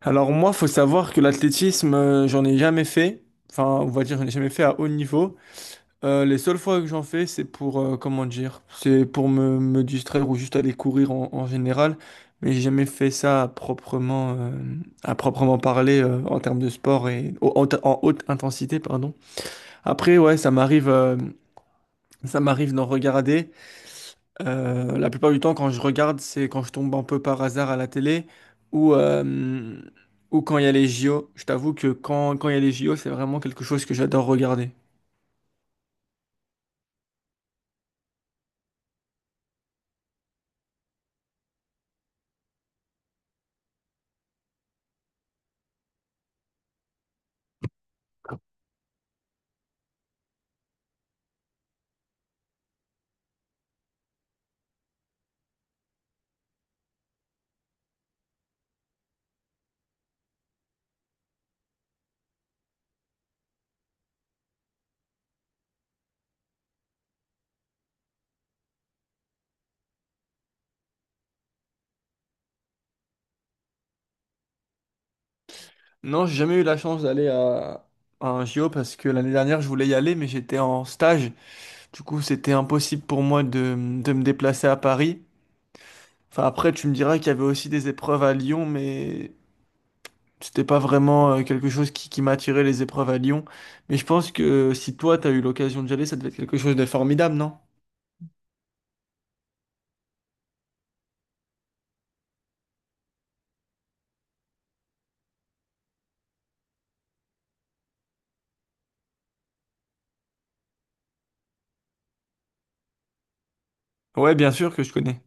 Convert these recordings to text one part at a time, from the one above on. Alors moi, faut savoir que l'athlétisme, j'en ai jamais fait. Enfin, on va dire, j'en ai jamais fait à haut niveau. Les seules fois que j'en fais, c'est pour comment dire, c'est pour me distraire ou juste aller courir en général. Mais j'ai jamais fait ça à à proprement parler en termes de sport et en haute intensité, pardon. Après, ouais, ça m'arrive d'en regarder. La plupart du temps, quand je regarde, c'est quand je tombe un peu par hasard à la télé ou, euh, ou quand il y a les JO. Je t'avoue que quand il y a les JO, c'est vraiment quelque chose que j'adore regarder. Non, j'ai jamais eu la chance d'aller à un JO parce que l'année dernière, je voulais y aller, mais j'étais en stage. Du coup, c'était impossible pour moi de me déplacer à Paris. Enfin, après, tu me diras qu'il y avait aussi des épreuves à Lyon, mais c'était pas vraiment quelque chose qui m'attirait, les épreuves à Lyon. Mais je pense que si toi, t'as eu l'occasion d'y aller, ça devait être quelque chose de formidable, non? Ouais, bien sûr que je connais.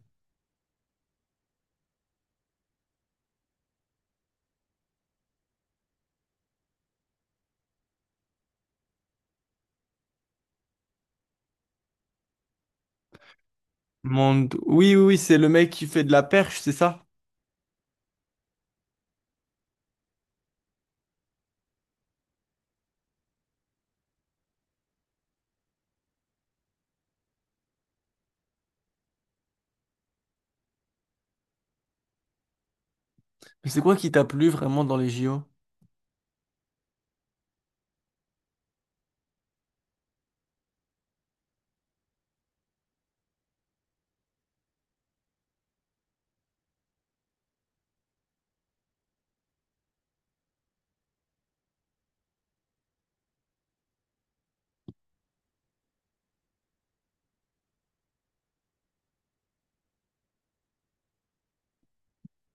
Monde... Oui, oui, oui, c'est le mec qui fait de la perche, c'est ça? Mais c'est quoi qui t'a plu vraiment dans les JO?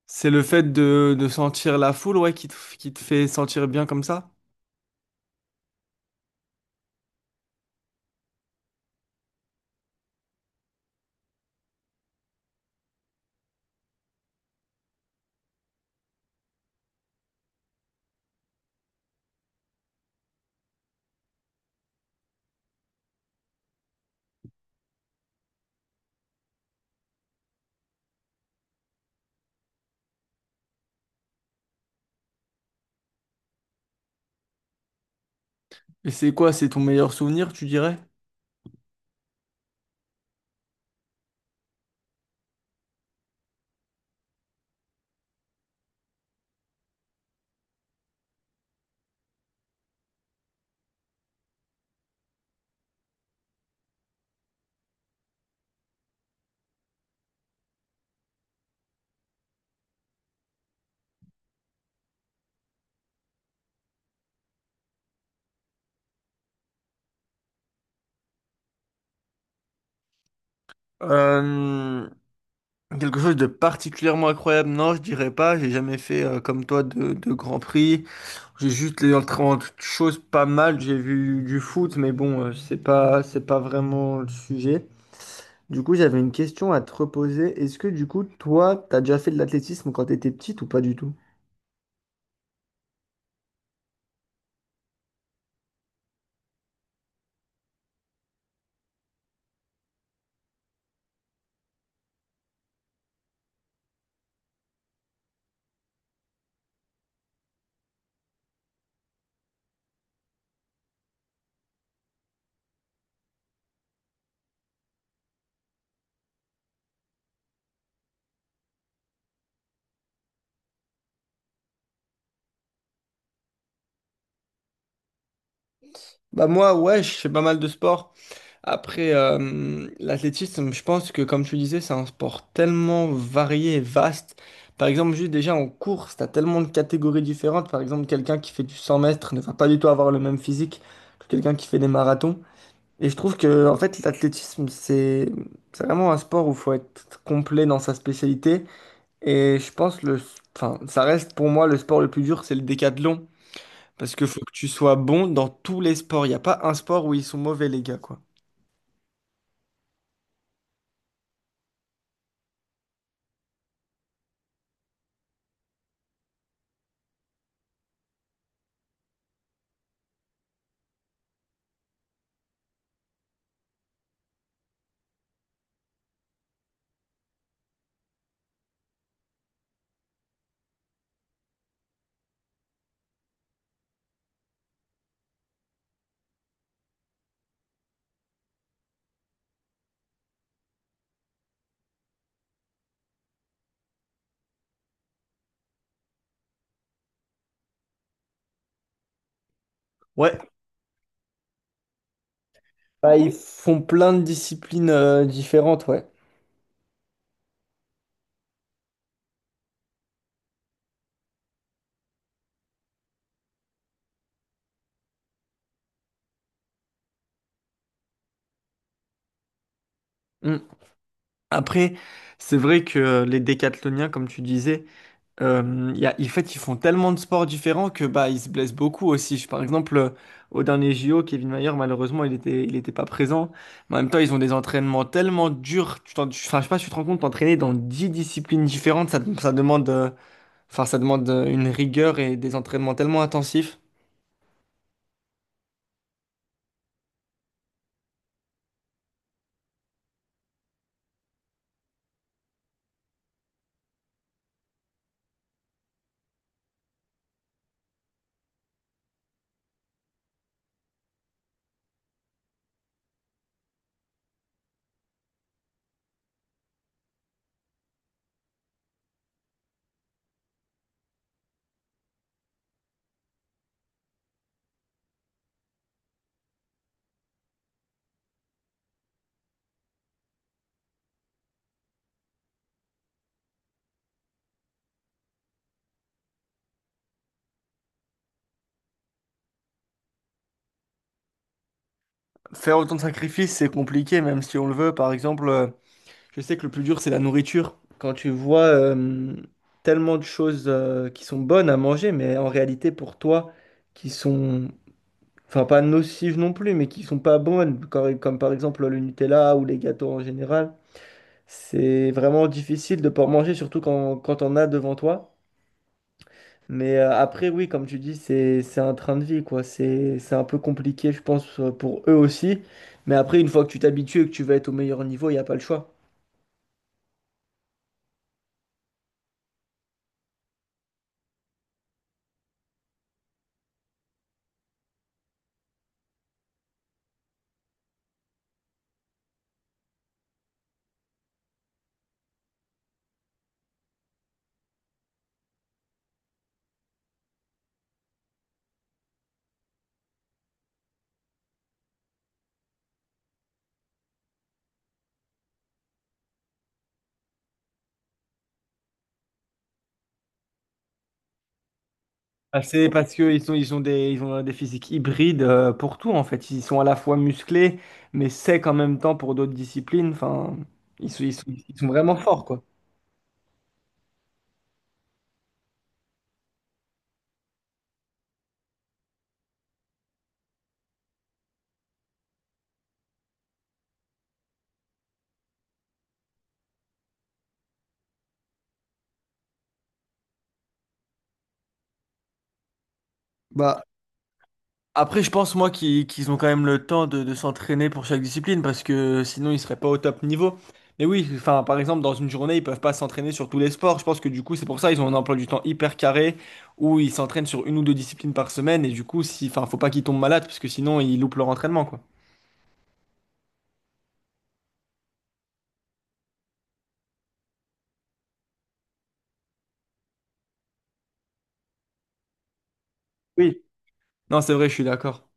C'est le fait de sentir la foule, ouais, qui qui te fait sentir bien comme ça? Et c'est quoi? C'est ton meilleur souvenir, tu dirais? Euh, Quelque chose de particulièrement incroyable, non, je dirais pas. J'ai jamais fait comme toi de Grand Prix. J'ai juste les autres choses pas mal. J'ai vu du foot, mais bon, c'est pas vraiment le sujet. Du coup, j'avais une question à te reposer. Est-ce que du coup, toi, t'as déjà fait de l'athlétisme quand t'étais petite ou pas du tout? Bah moi, ouais, je fais pas mal de sport. Après, l'athlétisme, je pense que comme tu disais, c'est un sport tellement varié et vaste. Par exemple, juste déjà en course, tu as tellement de catégories différentes. Par exemple, quelqu'un qui fait du 100 mètres ne va pas du tout avoir le même physique que quelqu'un qui fait des marathons. Et je trouve que en fait, l'athlétisme, c'est vraiment un sport où il faut être complet dans sa spécialité. Et enfin, ça reste pour moi le sport le plus dur, c'est le décathlon. Parce qu'il faut que tu sois bon dans tous les sports. Il n'y a pas un sport où ils sont mauvais, les gars, quoi. Ouais. Bah, ils font plein de disciplines différentes, ouais. Mm. Après, c'est vrai que les décathloniens, comme tu disais, en fait, ils font tellement de sports différents que bah, ils se blessent beaucoup aussi. Par exemple, au dernier JO, Kevin Mayer, malheureusement, il était pas présent. Mais en même temps, ils ont des entraînements tellement durs. Enfin, je sais pas, si tu te rends compte, t'entraîner dans 10 disciplines différentes, ça demande, enfin, ça demande une rigueur et des entraînements tellement intensifs. Faire autant de sacrifices, c'est compliqué, même si on le veut. Par exemple, je sais que le plus dur, c'est la nourriture. Quand tu vois tellement de choses qui sont bonnes à manger, mais en réalité pour toi, qui sont, enfin pas nocives non plus, mais qui sont pas bonnes, comme par exemple le Nutella ou les gâteaux en général, c'est vraiment difficile de pas en manger, surtout quand on a devant toi. Mais après, oui, comme tu dis, c'est un train de vie, quoi. C'est un peu compliqué, je pense, pour eux aussi. Mais après, une fois que tu t'habitues et que tu vas être au meilleur niveau, il n'y a pas le choix. Bah, c'est parce que ils ont des physiques hybrides pour tout, en fait. Ils sont à la fois musclés, mais secs en même temps pour d'autres disciplines. Enfin, ils sont vraiment forts, quoi. Bah, après, je pense, moi, qu'ils ont quand même le temps de s'entraîner pour chaque discipline parce que sinon, ils seraient pas au top niveau. Mais oui, enfin, par exemple, dans une journée, ils peuvent pas s'entraîner sur tous les sports. Je pense que du coup, c'est pour ça ils ont un emploi du temps hyper carré où ils s'entraînent sur une ou deux disciplines par semaine. Et du coup, si, enfin, faut pas qu'ils tombent malades parce que sinon, ils loupent leur entraînement, quoi. Oui. Non, c'est vrai, je suis d'accord.